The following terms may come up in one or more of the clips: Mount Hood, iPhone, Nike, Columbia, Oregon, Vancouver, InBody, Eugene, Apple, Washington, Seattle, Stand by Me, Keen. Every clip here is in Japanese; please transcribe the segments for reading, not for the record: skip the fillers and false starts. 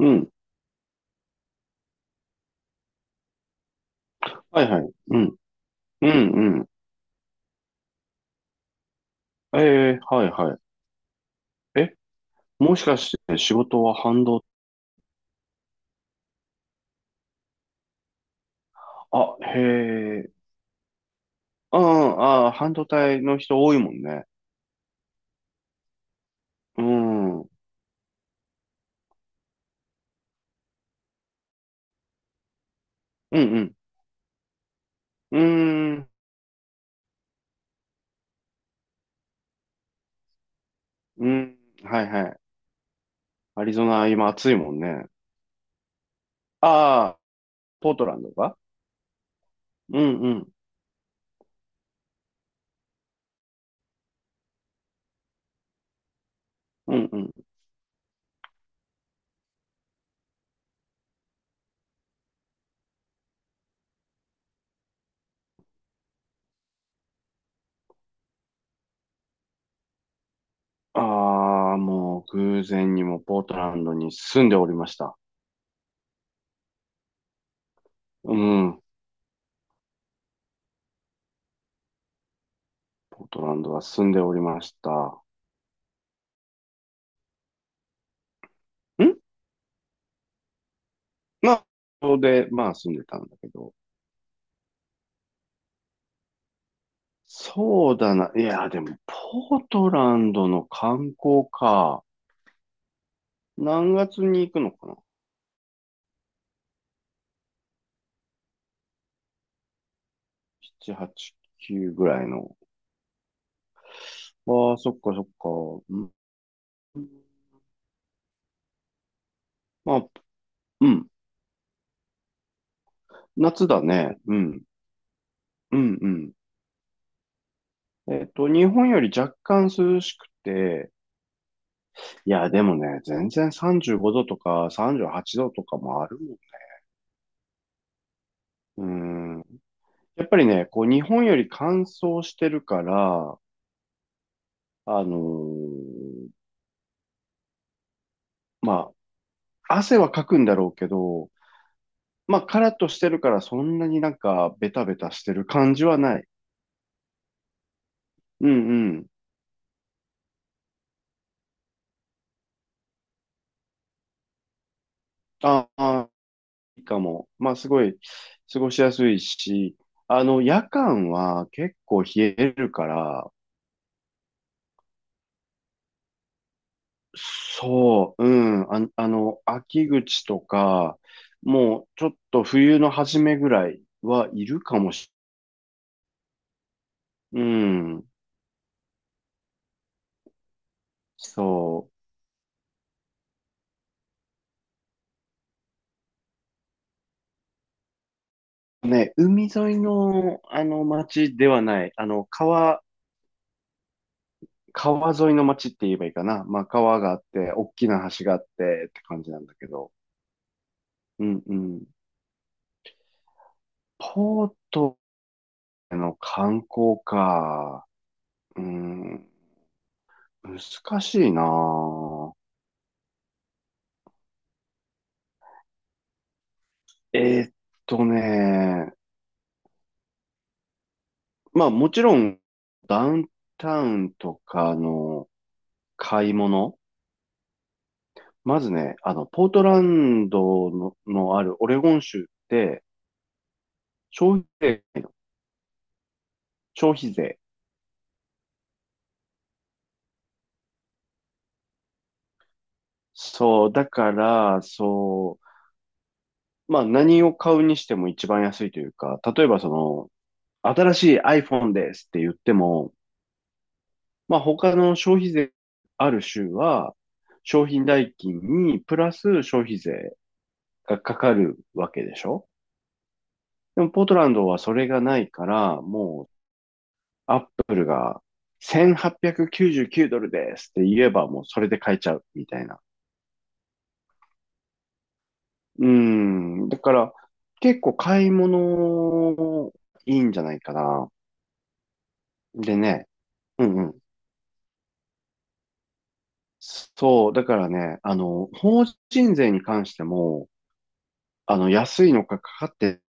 うん。はいはい。うん。うんうん。ええ、はいはい。え、もしかして仕事は半導体、あ、へえ。ああ、あー、半導体の人多いもんね。うん。うんうん。うーん。うん。はいはい。アリゾナ今暑いもんね。ああ、ポートランドか。うんうん。うんうん。ああ、もう偶然にもポートランドに住んでおりました。うん。ポートランドは住んでおりました。んまあ、そこで、まあ住んでたんだけど。そうだな。いや、でも、ポートランドの観光か。何月に行くのかな？ 7、8、9ぐらいの。ああ、そっかそっか。うん。まあ、うん。夏だね。うん。うん、うん。日本より若干涼しくて、いや、でもね、全然35度とか38度とかもあるもん。うん。やっぱりね、こう、日本より乾燥してるから、あのーま、汗はかくんだろうけど、まあ、カラッとしてるからそんなになんかベタベタしてる感じはない。うんうん。ああ、いいかも。まあ、すごい過ごしやすいし、夜間は結構冷えるから、そう、うん、秋口とか、もうちょっと冬の初めぐらいはいるかもしれない、うん、そう。ね、海沿いの、町ではない、川沿いの町って言えばいいかな。まあ川があって、大きな橋があってって感じなんだけど。うんうん。ポートの観光か。うん、難しいな。えーっね、まあもちろんダウンタウンとかの買い物。まずね、ポートランドの、あるオレゴン州って消費税がないの、消費税。そう、だから、そう、まあ何を買うにしても一番安いというか、例えば新しい iPhone ですって言っても、まあ他の消費税ある州は、商品代金にプラス消費税がかかるわけでしょ？でもポートランドはそれがないから、もうアップルが1899ドルですって言えばもうそれで買えちゃうみたいな。うーん。だから結構買い物いいんじゃないかな。でね、うんうん。そう、だからね、法人税に関しても、安いのかかかって、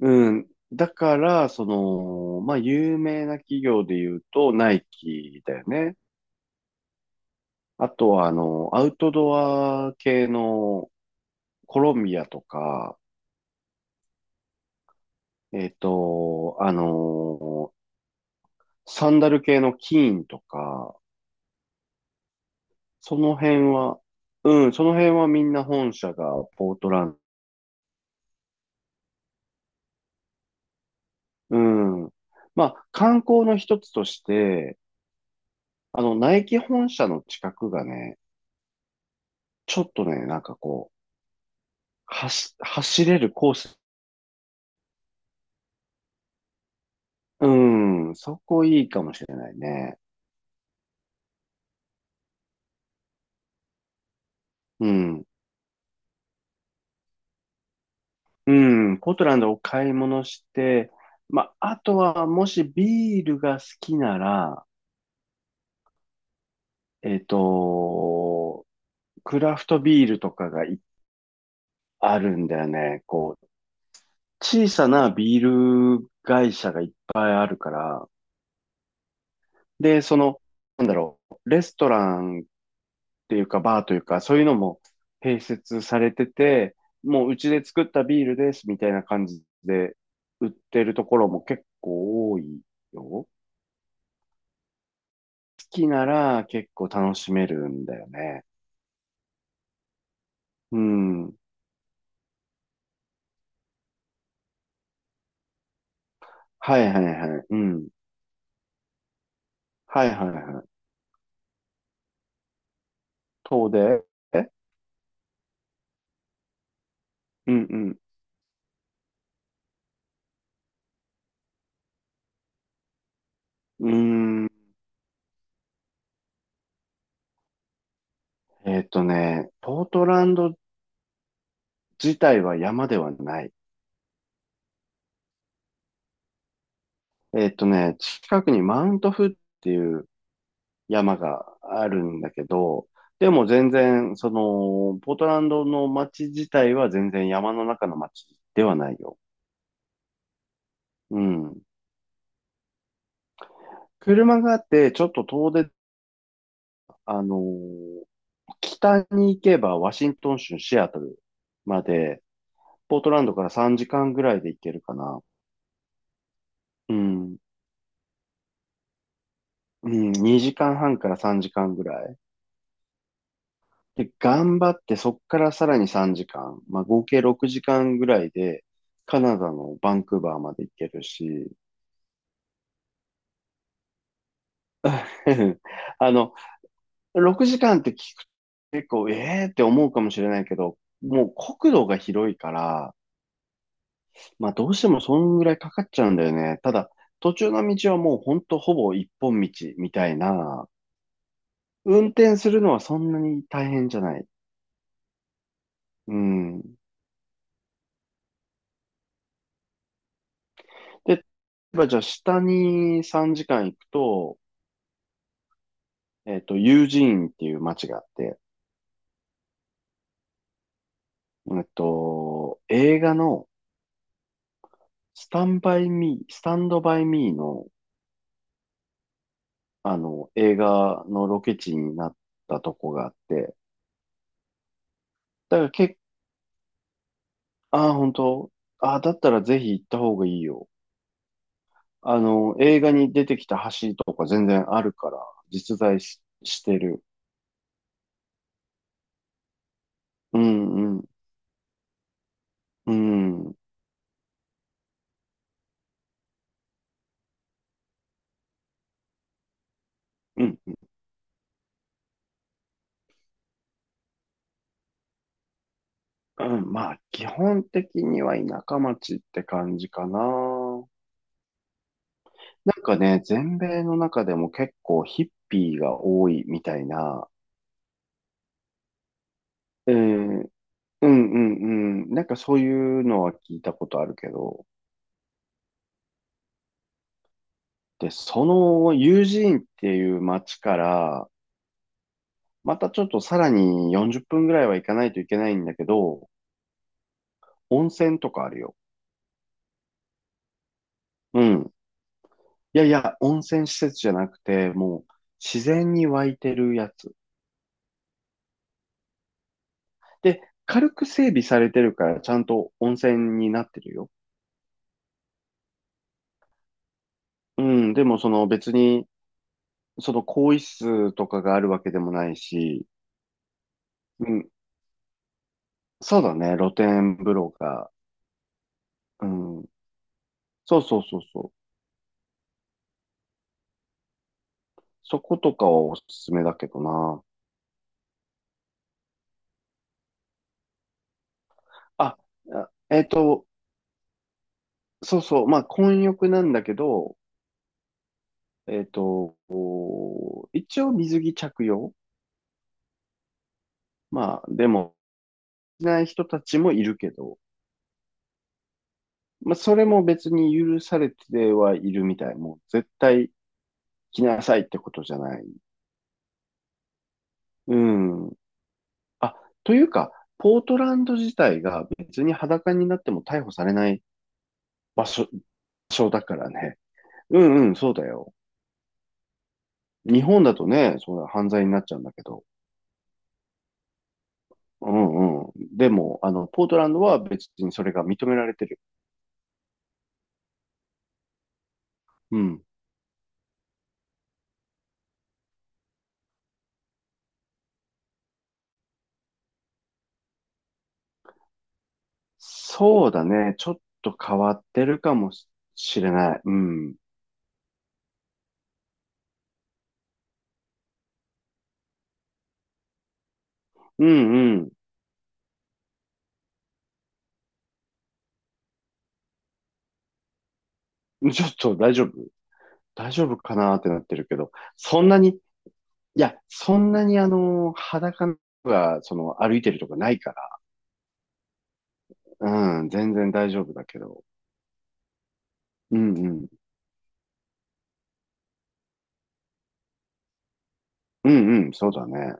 うん。だから、まあ、有名な企業で言うと、ナイキだよね。あとは、アウトドア系のコロンビアとか、えっと、あの、サンダル系のキーンとか、その辺は、うん、その辺はみんな本社がポートランド、うん。まあ、観光の一つとして、ナイキ本社の近くがね、ちょっとね、なんかこう、走れるコース。うん、そこいいかもしれないね。うん。うん、ポートランドを買い物して、まあ、あとは、もしビールが好きなら、えっと、クラフトビールとかがいあるんだよね。こう、小さなビール会社がいっぱいあるから、で、なんだろう、レストランていうか、バーというか、そういうのも併設されてて、もううちで作ったビールですみたいな感じで売ってるところも結構多いよ。好きなら結構楽しめるんだよね。うん。はいはいはい。うん。はいはいはい。遠でえうんうん。うーん。ね、ポートランド自体は山ではない。ね、近くにマウントフっていう山があるんだけど、でも全然、ポートランドの街自体は全然山の中の街ではないよ。うん。車があって、ちょっと遠出、あのー北に行けばワシントン州シアトルまで、ポートランドから3時間ぐらいで行けるかな。うん。うん、2時間半から3時間ぐらい。で、頑張ってそっからさらに3時間、まあ合計6時間ぐらいで、カナダのバンクーバーまで行けるし、あの、6時間って聞くと結構、えーって思うかもしれないけど、もう国土が広いから、まあどうしてもそんぐらいかかっちゃうんだよね。ただ、途中の道はもうほんとほぼ一本道みたいな、運転するのはそんなに大変じゃない。うん。で、例えばじゃあ下に3時間行くと、ユージーンっていう街があって、映画のスタンドバイミーの、映画のロケ地になったとこがあって、だからけああー、本当？ああー、だったらぜひ行った方がいいよ。映画に出てきた橋とか全然あるから、実在し、してる。うん、うん、うん、うん、うん。まあ、基本的には田舎町って感じかな。なんかね、全米の中でも結構ヒッピーが多いみたいな、えー、うんうんうん、なんかそういうのは聞いたことあるけど、で、そのユージーンっていう街から、またちょっとさらに40分ぐらいは行かないといけないんだけど、温泉とかあるよ。うん。いやいや、温泉施設じゃなくて、もう自然に湧いてるやつ。で、軽く整備されてるから、ちゃんと温泉になってるよ。うん、でも別に更衣室とかがあるわけでもないし、うん、そうだね、露天風呂が、うん、そうそうそうそう、そことかはおすすめだけどな。あ、あえっと、そうそう、まあ、混浴なんだけど、えっと、一応水着着用。まあ、でも、しない人たちもいるけど、まあ、それも別に許されてはいるみたい。もう絶対着なさいってことじゃない。うん。あ、というか、ポートランド自体が別に裸になっても逮捕されない場所だからね。うんうん、そうだよ。日本だとね、そう犯罪になっちゃうんだけど。うんうん。でも、ポートランドは別にそれが認められてる。うん。そうだね。ちょっと変わってるかもしれない。うん。うんうん。ちょっと大丈夫、大丈夫かなってなってるけど、そんなに、いや、そんなに裸が、歩いてるとかないから。うん、全然大丈夫だけど。うんうん。うんうん、そうだね。